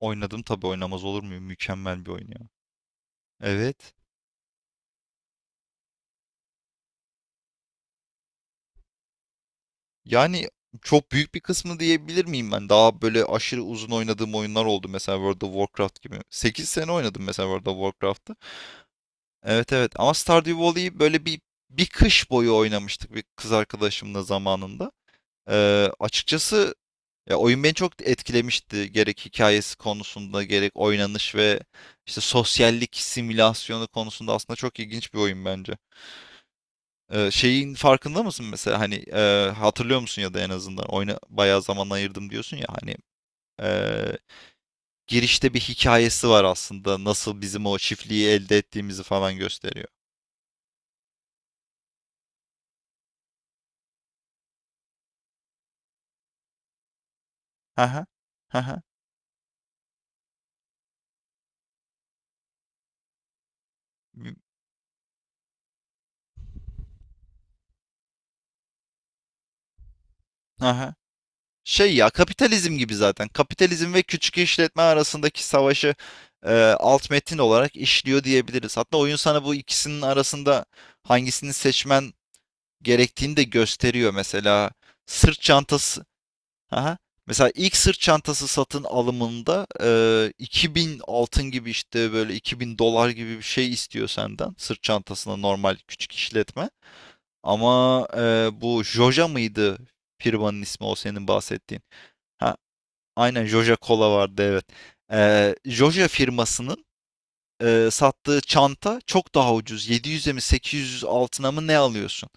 Oynadım tabii oynamaz olur muyum? Mükemmel bir oyun ya. Evet. Yani çok büyük bir kısmı diyebilir miyim ben? Daha böyle aşırı uzun oynadığım oyunlar oldu. Mesela World of Warcraft gibi. 8 sene oynadım mesela World of Warcraft'ı. Evet evet ama Stardew Valley'i böyle bir kış boyu oynamıştık bir kız arkadaşımla zamanında. Açıkçası ya oyun beni çok etkilemişti. Gerek hikayesi konusunda gerek oynanış ve işte sosyallik simülasyonu konusunda aslında çok ilginç bir oyun bence. Şeyin farkında mısın mesela hani, hatırlıyor musun ya da en azından oyuna bayağı zaman ayırdım diyorsun ya hani, eee, girişte bir hikayesi var aslında nasıl bizim o çiftliği elde ettiğimizi falan gösteriyor. Hı hı. Hı. Şey ya, kapitalizm gibi zaten. Kapitalizm ve küçük işletme arasındaki savaşı, eee, alt metin olarak işliyor diyebiliriz. Hatta oyun sana bu ikisinin arasında hangisini seçmen gerektiğini de gösteriyor. Mesela sırt çantası. Aha. Mesela ilk sırt çantası satın alımında 2000 altın gibi işte böyle 2000 dolar gibi bir şey istiyor senden. Sırt çantasına normal küçük işletme. Ama bu Joja mıydı firmanın ismi o senin bahsettiğin? Ha, aynen Joja Cola vardı evet. Joja firmasının sattığı çanta çok daha ucuz. 700'e mi 800 altına mı ne alıyorsun?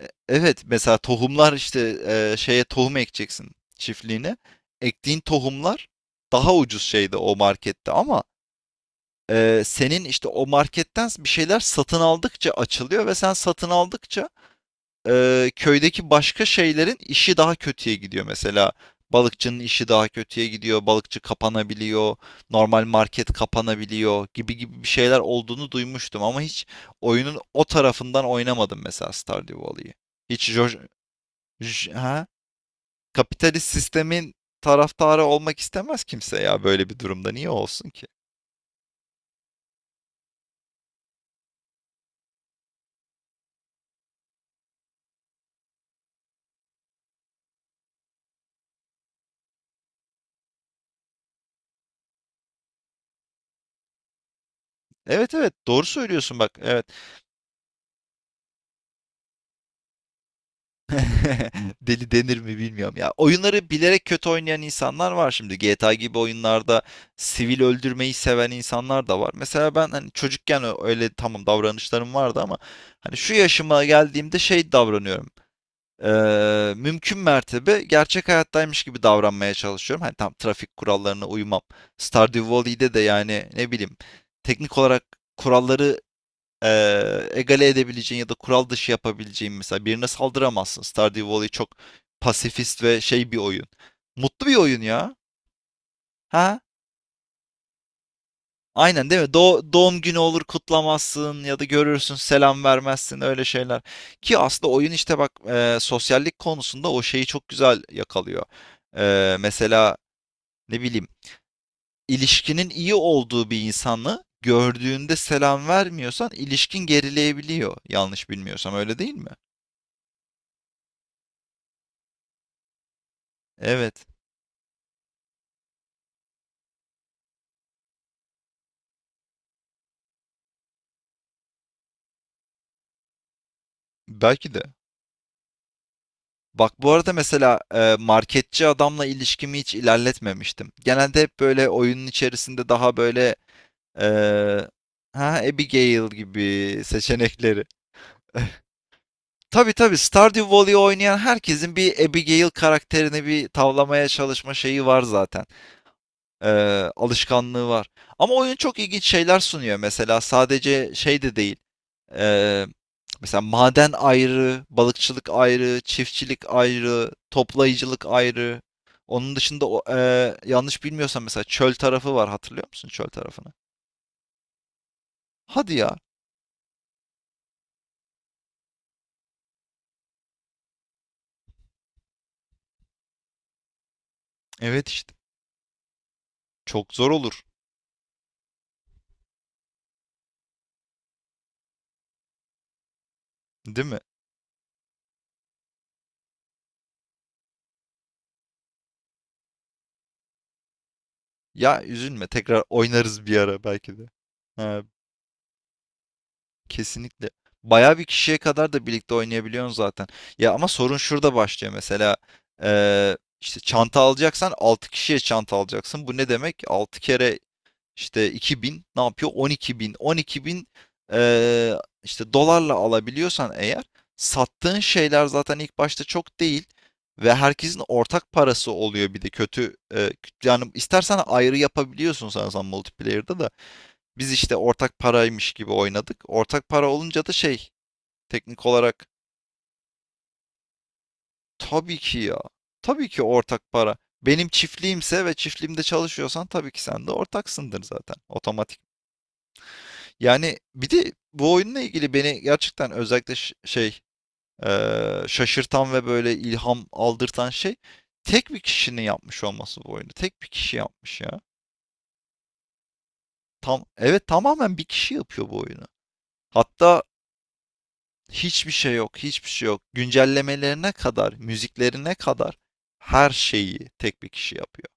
Evet mesela tohumlar işte şeye tohum ekeceksin çiftliğine. Ektiğin tohumlar daha ucuz şeyde o markette ama senin işte o marketten bir şeyler satın aldıkça açılıyor ve sen satın aldıkça köydeki başka şeylerin işi daha kötüye gidiyor. Mesela balıkçının işi daha kötüye gidiyor. Balıkçı kapanabiliyor. Normal market kapanabiliyor gibi gibi bir şeyler olduğunu duymuştum ama hiç oyunun o tarafından oynamadım mesela Stardew Valley'i. Hiç jo- Ha? Kapitalist sistemin taraftarı olmak istemez kimse ya böyle bir durumda. Niye olsun ki? Evet evet, doğru söylüyorsun bak. Evet. Deli denir mi bilmiyorum ya. Oyunları bilerek kötü oynayan insanlar var şimdi. GTA gibi oyunlarda sivil öldürmeyi seven insanlar da var. Mesela ben hani çocukken öyle tamam davranışlarım vardı ama hani şu yaşıma geldiğimde şey davranıyorum. Mümkün mertebe gerçek hayattaymış gibi davranmaya çalışıyorum. Hani tam trafik kurallarına uymam. Stardew Valley'de de yani ne bileyim teknik olarak kuralları egale edebileceğin ya da kural dışı yapabileceğin mesela birine saldıramazsın. Stardew Valley çok pasifist ve şey bir oyun. Mutlu bir oyun ya. Ha? Aynen değil mi? Doğum günü olur kutlamazsın ya da görürsün selam vermezsin öyle şeyler. Ki aslında oyun işte bak, sosyallik konusunda o şeyi çok güzel yakalıyor. Mesela ne bileyim ilişkinin iyi olduğu bir insanı gördüğünde selam vermiyorsan ilişkin gerileyebiliyor. Yanlış bilmiyorsam öyle değil mi? Evet. Belki de. Bak bu arada mesela marketçi adamla ilişkimi hiç ilerletmemiştim. Genelde hep böyle oyunun içerisinde daha böyle Eee, ha, Abigail gibi seçenekleri. Tabii tabii, Stardew Valley oynayan herkesin bir Abigail karakterini bir tavlamaya çalışma şeyi var zaten. Alışkanlığı var. Ama oyun çok ilginç şeyler sunuyor. Mesela sadece şey de değil. Eee, Mesela maden ayrı, balıkçılık ayrı, çiftçilik ayrı, toplayıcılık ayrı. Onun dışında yanlış bilmiyorsam mesela çöl tarafı var. Hatırlıyor musun çöl tarafını? Hadi ya. Evet işte. Çok zor olur, değil mi? Ya üzülme, tekrar oynarız bir ara belki de. Ha, kesinlikle. Bayağı bir kişiye kadar da birlikte oynayabiliyorsun zaten. Ya ama sorun şurada başlıyor mesela. İşte çanta alacaksan 6 kişiye çanta alacaksın. Bu ne demek? 6 kere İşte 2000, ne yapıyor? 12.000. 12.000 eee işte dolarla alabiliyorsan eğer, sattığın şeyler zaten ilk başta çok değil ve herkesin ortak parası oluyor. Bir de kötü, yani istersen ayrı yapabiliyorsun sanırsam multiplayer'da da. Biz işte ortak paraymış gibi oynadık. Ortak para olunca da şey, teknik olarak tabii ki ya. Tabii ki ortak para. Benim çiftliğimse ve çiftliğimde çalışıyorsan tabii ki sen de ortaksındır zaten otomatik. Yani bir de bu oyunla ilgili beni gerçekten özellikle şey şaşırtan ve böyle ilham aldırtan şey tek bir kişinin yapmış olması bu oyunu. Tek bir kişi yapmış ya. Tam, evet, tamamen bir kişi yapıyor bu oyunu. Hatta hiçbir şey yok, hiçbir şey yok. Güncellemelerine kadar, müziklerine kadar her şeyi tek bir kişi yapıyor.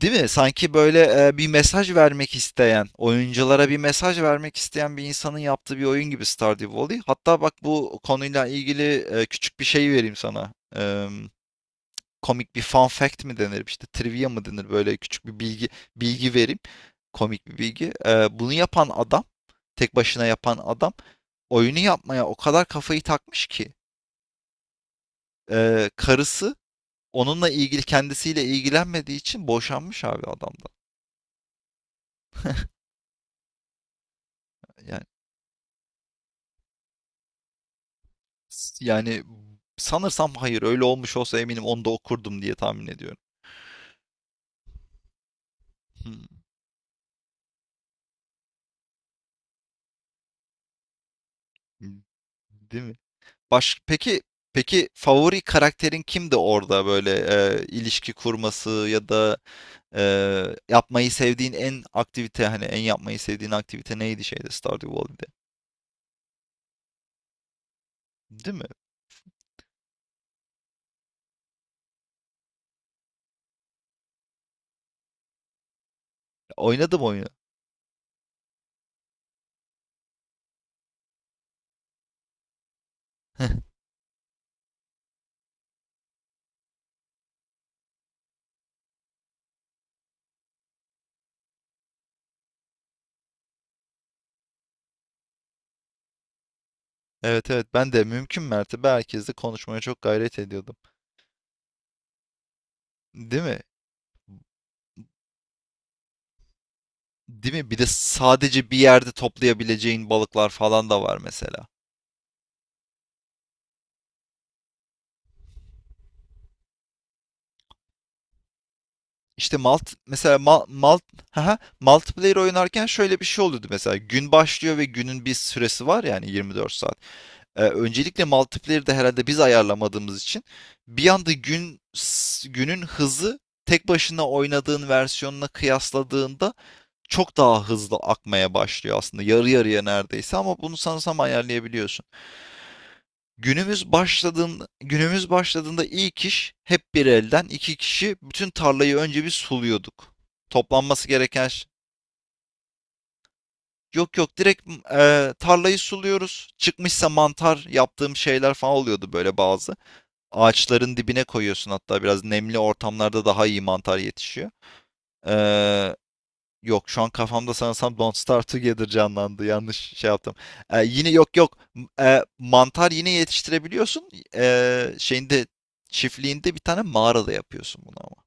Değil mi? Sanki böyle, bir mesaj vermek isteyen, oyunculara bir mesaj vermek isteyen bir insanın yaptığı bir oyun gibi Stardew Valley. Hatta bak bu konuyla ilgili küçük bir şey vereyim sana. Komik bir fun fact mi denir, işte trivia mı denir, böyle küçük bir bilgi vereyim. Komik bir bilgi. Bunu yapan adam, tek başına yapan adam, oyunu yapmaya o kadar kafayı takmış ki, karısı onunla ilgili kendisiyle ilgilenmediği için boşanmış abi adamdan. Yani Yani sanırsam hayır, öyle olmuş olsa eminim onu da okurdum diye tahmin ediyorum. Hmm. Değil mi? Baş peki peki favori karakterin kimdi orada böyle, ilişki kurması ya da e, yapmayı sevdiğin en aktivite hani en yapmayı sevdiğin aktivite neydi şeyde, Stardew Valley'de? Değil mi? Oynadım oyunu. Evet evet, ben de mümkün mertebe herkesle konuşmaya çok gayret ediyordum. Değil mi? Değil mi? Bir de sadece bir yerde toplayabileceğin balıklar falan da var mesela. İşte malt mesela mal, malt haha, multiplayer oynarken şöyle bir şey oluyordu mesela, gün başlıyor ve günün bir süresi var yani 24 saat. Öncelikle multiplayer'de herhalde biz ayarlamadığımız için bir anda günün hızı, tek başına oynadığın versiyonuna kıyasladığında çok daha hızlı akmaya başlıyor aslında, yarı yarıya neredeyse, ama bunu sanırsam ayarlayabiliyorsun. Günümüz başladığında, ilk iş hep bir elden iki kişi bütün tarlayı önce bir suluyorduk. Toplanması gereken yok yok, direkt tarlayı suluyoruz. Çıkmışsa mantar yaptığım şeyler falan oluyordu böyle bazı. Ağaçların dibine koyuyorsun hatta, biraz nemli ortamlarda daha iyi mantar yetişiyor. Ee, Yok, şu an kafamda sanırsam Don't Starve Together canlandı. Yanlış şey yaptım. Yine yok yok. Mantar yine yetiştirebiliyorsun. Şeyinde, çiftliğinde bir tane mağarada yapıyorsun bunu ama.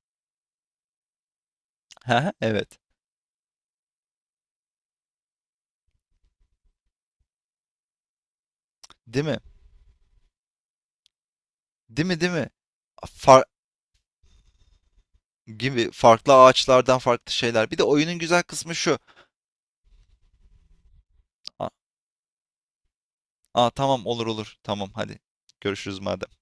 Hı hı, evet. Değil mi? Değil mi? Değil mi? Far Gibi farklı ağaçlardan farklı şeyler. Bir de oyunun güzel kısmı şu. Aa, aa, tamam, olur olur. Tamam hadi. Görüşürüz madem. Bay